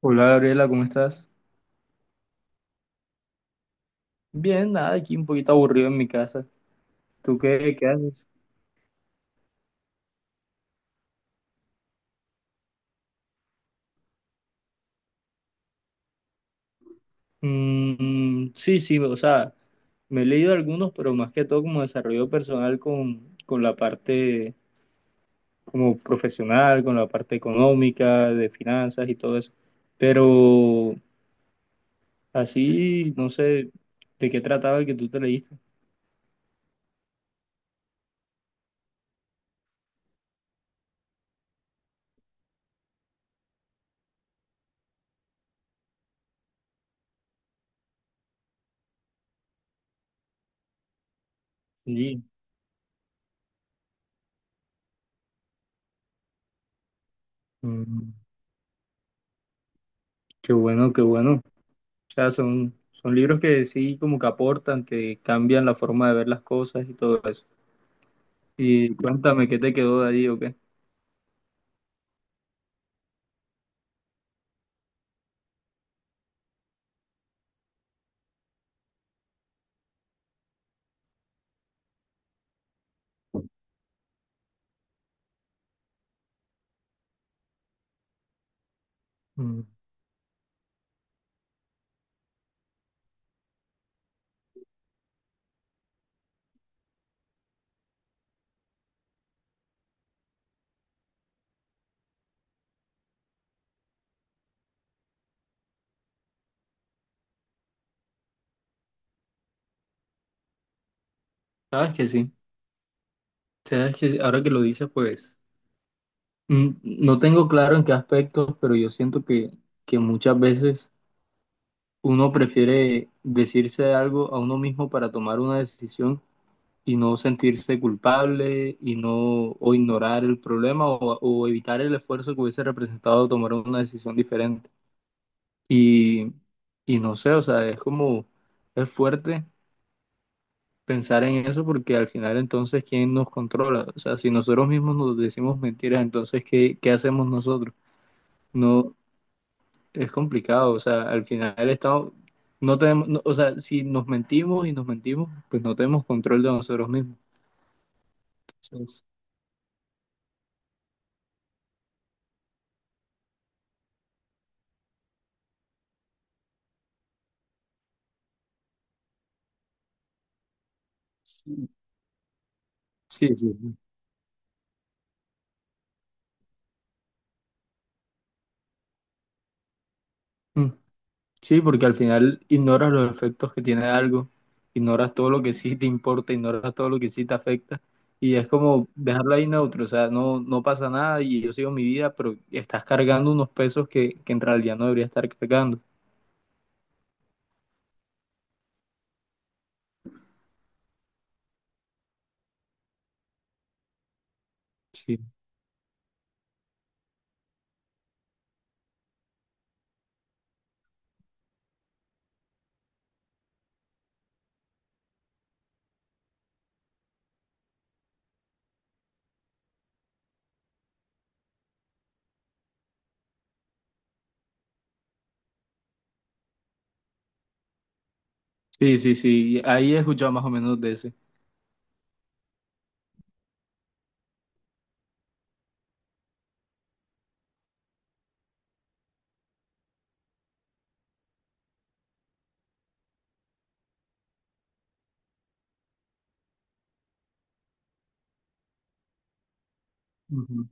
Hola Gabriela, ¿cómo estás? Bien, nada, aquí un poquito aburrido en mi casa. ¿Tú qué haces? Mm, sí, sí, o sea, me he leído algunos, pero más que todo como desarrollo personal con la parte como profesional, con la parte económica, de finanzas y todo eso. Pero así, no sé, ¿de qué trataba el que tú te leíste? Sí. Mm, qué bueno, qué bueno. O sea, son libros que sí como que aportan, que cambian la forma de ver las cosas y todo eso. Y cuéntame qué te quedó de allí o qué. Mm, sabes que sí, sabes que sí. Ahora que lo dices, no tengo claro en qué aspectos, pero yo siento que muchas veces uno prefiere decirse algo a uno mismo para tomar una decisión y no sentirse culpable y no o ignorar el problema o evitar el esfuerzo que hubiese representado tomar una decisión diferente. Y, y no sé, o sea, es como, es fuerte pensar en eso porque al final entonces, ¿quién nos controla? O sea, si nosotros mismos nos decimos mentiras, entonces, ¿qué hacemos nosotros? No, es complicado, o sea, al final estamos, no tenemos, no- o sea, si nos mentimos y nos mentimos, pues no tenemos control de nosotros mismos. Entonces, sí, sí, sí. Sí. Sí, porque al final ignoras los efectos que tiene algo, ignoras todo lo que sí te importa, ignoras todo lo que sí te afecta y es como dejarlo ahí neutro, o sea, no pasa nada y yo sigo mi vida, pero estás cargando unos pesos que en realidad no debería estar cargando. Sí, sí, sí, sí, ahí he escuchado más o menos de ese. Ujú.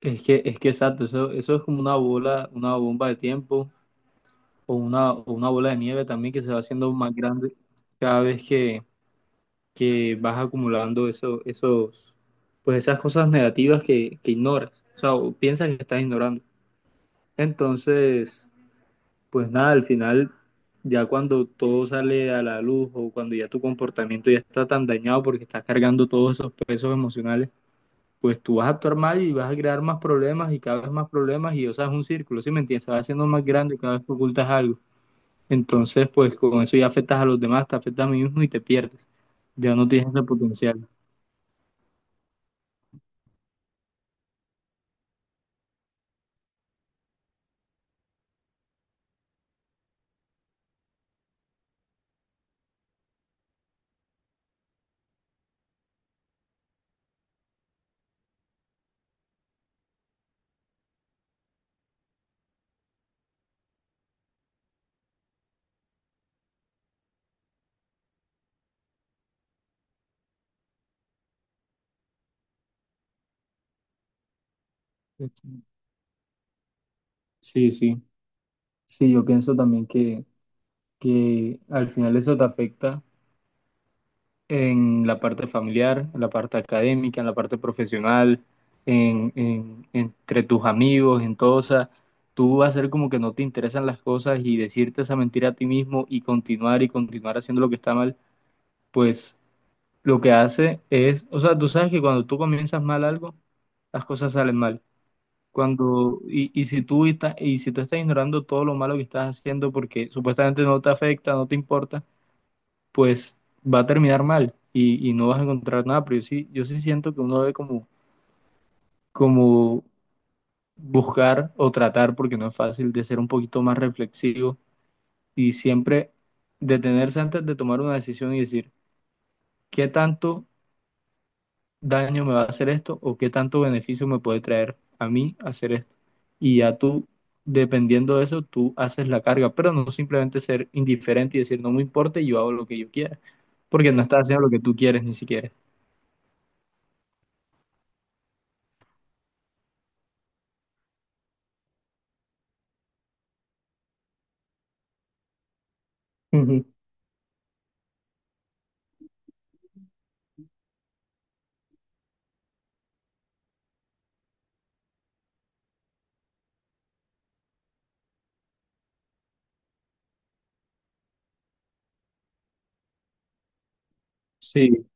Es que exacto, eso es como una bola, una bomba de tiempo o una bola de nieve también que se va haciendo más grande cada vez que vas acumulando pues esas cosas negativas que ignoras, o sea, o piensas que estás ignorando. Entonces, pues nada, al final, ya cuando todo sale a la luz o cuando ya tu comportamiento ya está tan dañado porque estás cargando todos esos pesos emocionales, pues tú vas a actuar mal y vas a crear más problemas y cada vez más problemas y, o sea, es un círculo, ¿sí me entiendes? Se va haciendo más grande cada vez que ocultas algo. Entonces, pues con eso ya afectas a los demás, te afectas a mí mismo y te pierdes. Ya no tienes ese potencial. Sí, sí. Sí, yo pienso también que al final eso te afecta en la parte familiar, en la parte académica, en la parte profesional, entre tus amigos, en todo. O sea, tú vas a ser como que no te interesan las cosas y decirte esa mentira a ti mismo y continuar haciendo lo que está mal, pues lo que hace es, o sea, tú sabes que cuando tú comienzas mal algo, las cosas salen mal. Cuando, y si tú estás, y si tú estás ignorando todo lo malo que estás haciendo porque supuestamente no te afecta, no te importa, pues va a terminar mal y no vas a encontrar nada. Pero yo sí, yo sí siento que uno debe como, como buscar o tratar, porque no es fácil, de ser un poquito más reflexivo y siempre detenerse antes de tomar una decisión y decir, ¿qué tanto daño me va a hacer esto o qué tanto beneficio me puede traer a mí hacer esto? Y ya tú, Dependiendo de eso, tú haces la carga, pero no simplemente ser indiferente y decir, no me importa y yo hago lo que yo quiera, porque no estás haciendo lo que tú quieres ni siquiera. Ujú. Sí,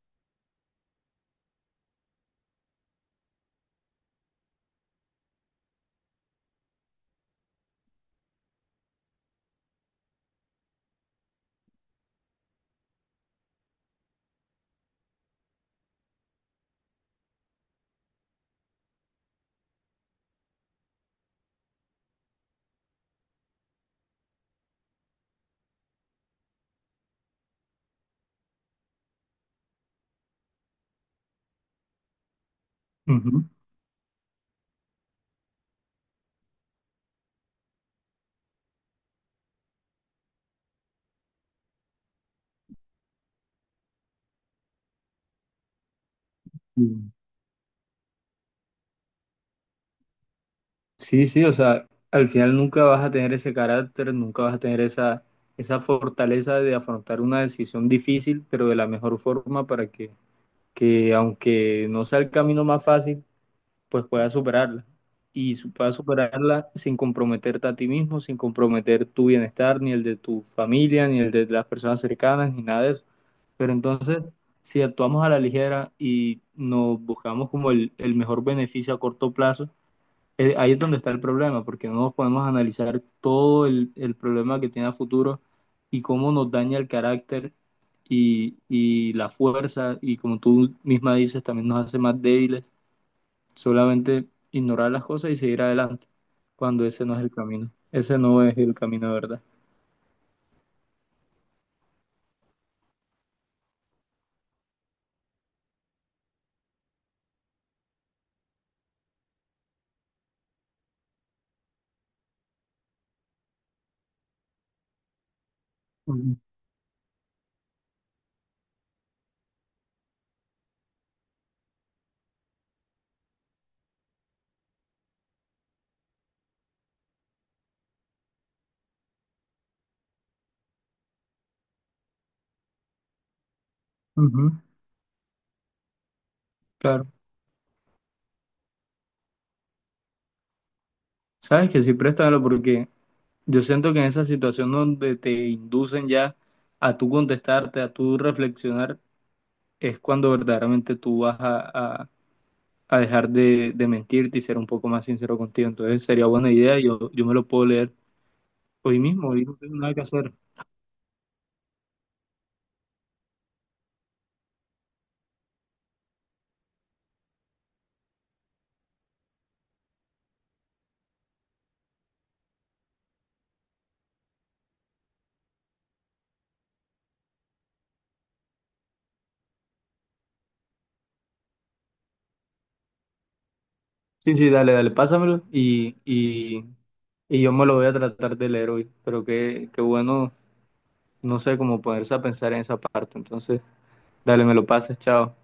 ujú. Mm. Sí, sí, o sea, al final nunca vas a tener ese carácter, nunca vas a tener esa fortaleza de afrontar una decisión difícil, pero de la mejor forma para que aunque no sea el camino más fácil, pues puedas superarla. Puedas superarla sin comprometerte a ti mismo, sin comprometer tu bienestar, ni el de tu familia, ni el de las personas cercanas, ni nada de eso. Pero entonces, si actuamos a la ligera y nos buscamos como el mejor beneficio a corto plazo, ahí es donde está el problema, porque no nos podemos analizar todo el problema que tiene a futuro y cómo nos daña el carácter y la fuerza, y como tú misma dices, también nos hace más débiles. Solamente ignorar las cosas y seguir adelante, cuando ese no es el camino. Ese no es el camino de verdad. Ujú, ujú, claro. Sabes que sí, préstamelo porque yo siento que en esa situación donde te inducen ya a tú contestarte, a tú reflexionar, es cuando verdaderamente tú vas a dejar de mentirte y ser un poco más sincero contigo. Entonces sería buena idea, yo me lo puedo leer hoy mismo, hoy no tengo nada que hacer. Sí, sí, dale, dale, pásamelo y yo me lo voy a tratar de leer hoy. Pero qué bueno, no sé, cómo ponerse a pensar en esa parte. Entonces, dale, me lo pases, chao.